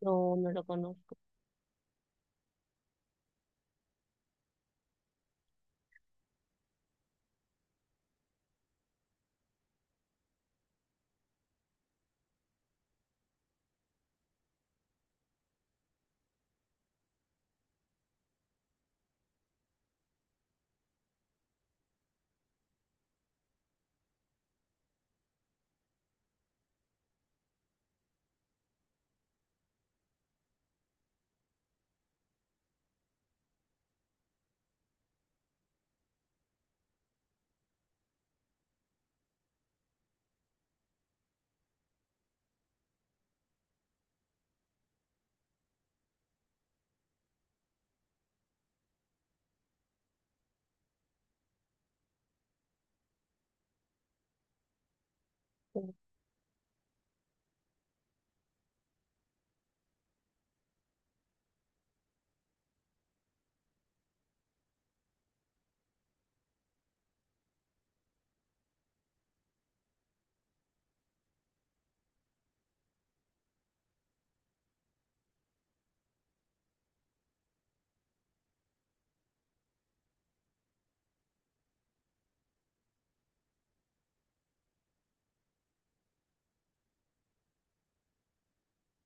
No, no lo conozco.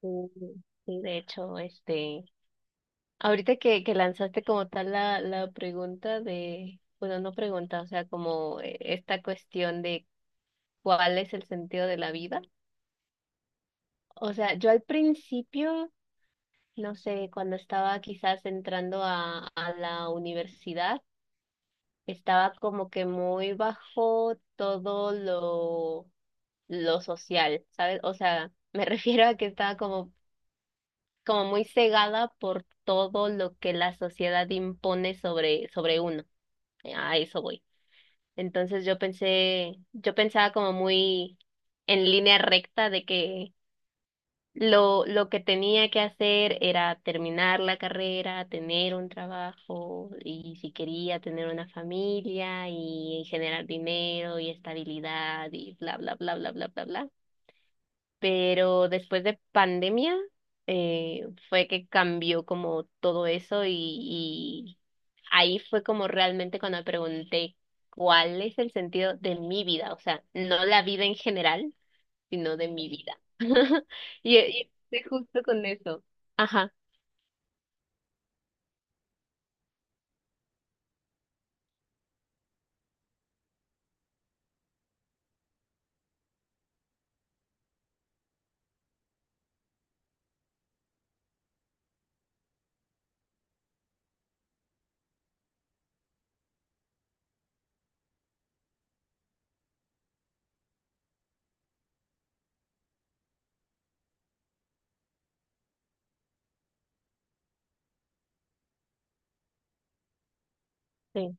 Sí, sí, de hecho, ahorita que lanzaste como tal la pregunta de, bueno, no pregunta, o sea, como esta cuestión de cuál es el sentido de la vida. O sea, yo al principio, no sé, cuando estaba quizás entrando a la universidad, estaba como que muy bajo todo lo social, ¿sabes? O sea, me refiero a que estaba como muy cegada por todo lo que la sociedad impone sobre uno. A eso voy. Entonces yo pensé, yo pensaba como muy en línea recta de que lo que tenía que hacer era terminar la carrera, tener un trabajo y si quería tener una familia y generar dinero y estabilidad y bla, bla, bla, bla, bla, bla, bla, pero después de pandemia fue que cambió como todo eso y ahí fue como realmente cuando me pregunté cuál es el sentido de mi vida, o sea, no la vida en general, sino de mi vida. Y, y estoy justo con eso. Ajá, sí,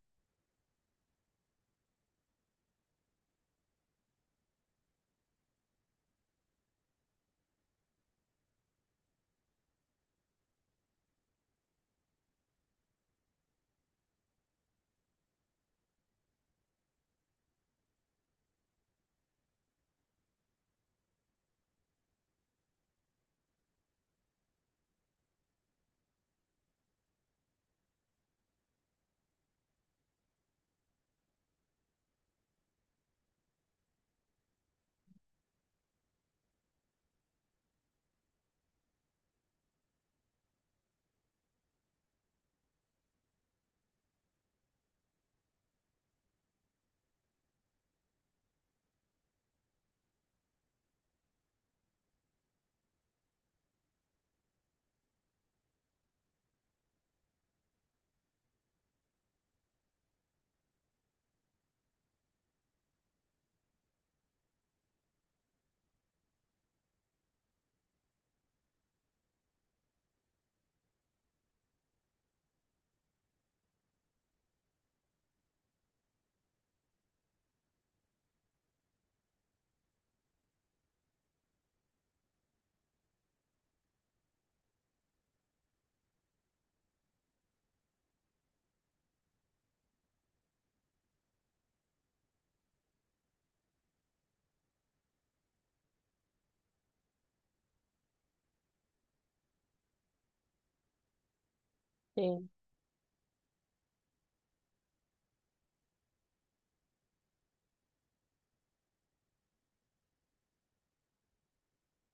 sí.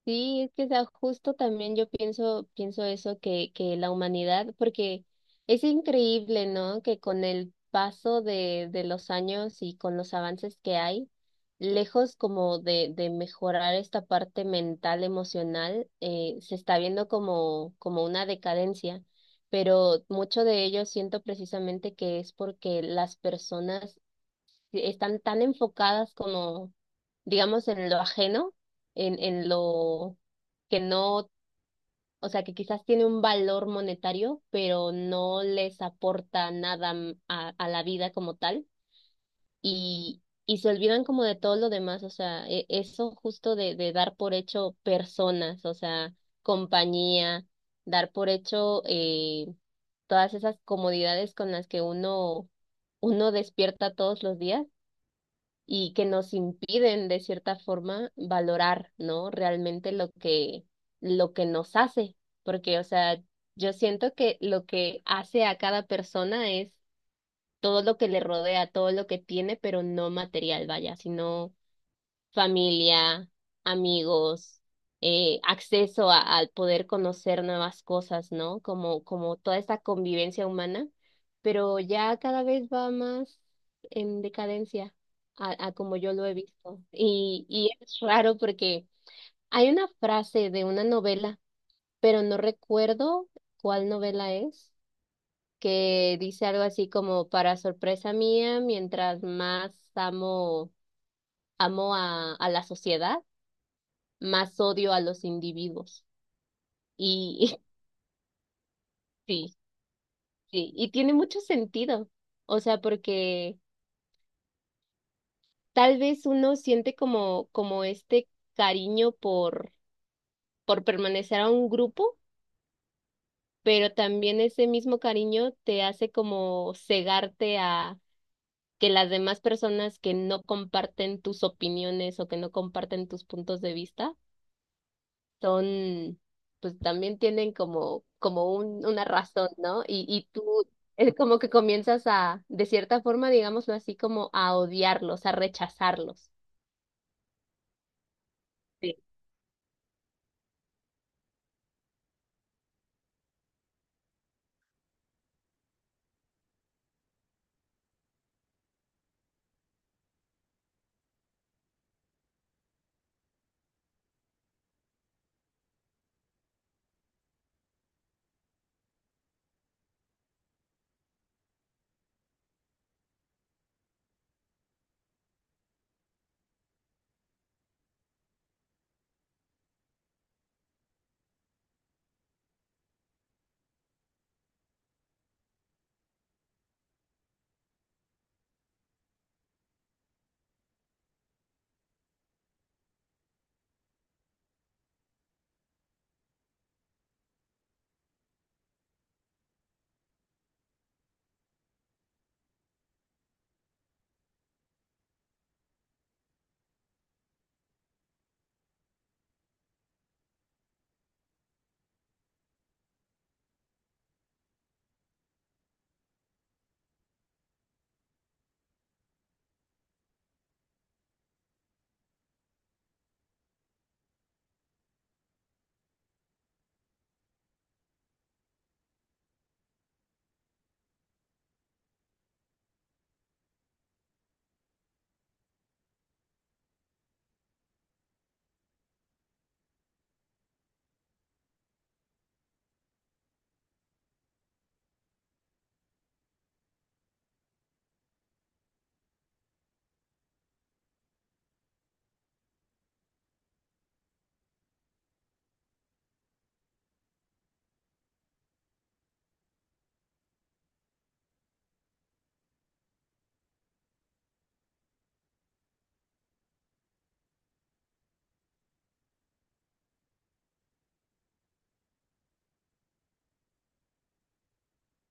Sí, es que, o sea, justo también yo pienso, pienso eso que la humanidad, porque es increíble, ¿no? Que con el paso de los años y con los avances que hay, lejos como de mejorar esta parte mental, emocional, se está viendo como, como una decadencia. Pero mucho de ello siento precisamente que es porque las personas están tan enfocadas como, digamos, en lo ajeno, en lo que no, o sea, que quizás tiene un valor monetario, pero no les aporta nada a la vida como tal, y se olvidan como de todo lo demás, o sea, eso justo de dar por hecho personas, o sea, compañía, dar por hecho todas esas comodidades con las que uno, uno despierta todos los días y que nos impiden de cierta forma valorar, ¿no? Realmente lo que nos hace, porque, o sea, yo siento que lo que hace a cada persona es todo lo que le rodea, todo lo que tiene, pero no material, vaya, sino familia, amigos, acceso al poder conocer nuevas cosas, ¿no? Como, como toda esta convivencia humana, pero ya cada vez va más en decadencia a como yo lo he visto. Y es raro porque hay una frase de una novela, pero no recuerdo cuál novela es, que dice algo así como, para sorpresa mía, mientras más amo, amo a la sociedad, más odio a los individuos. Y sí, sí, y tiene mucho sentido. O sea, porque tal vez uno siente como, como este cariño por permanecer a un grupo, pero también ese mismo cariño te hace como cegarte a que las demás personas que no comparten tus opiniones o que no comparten tus puntos de vista son, pues también tienen como, como un, una razón, ¿no? Y tú es como que comienzas a, de cierta forma, digámoslo así, como a odiarlos, a rechazarlos.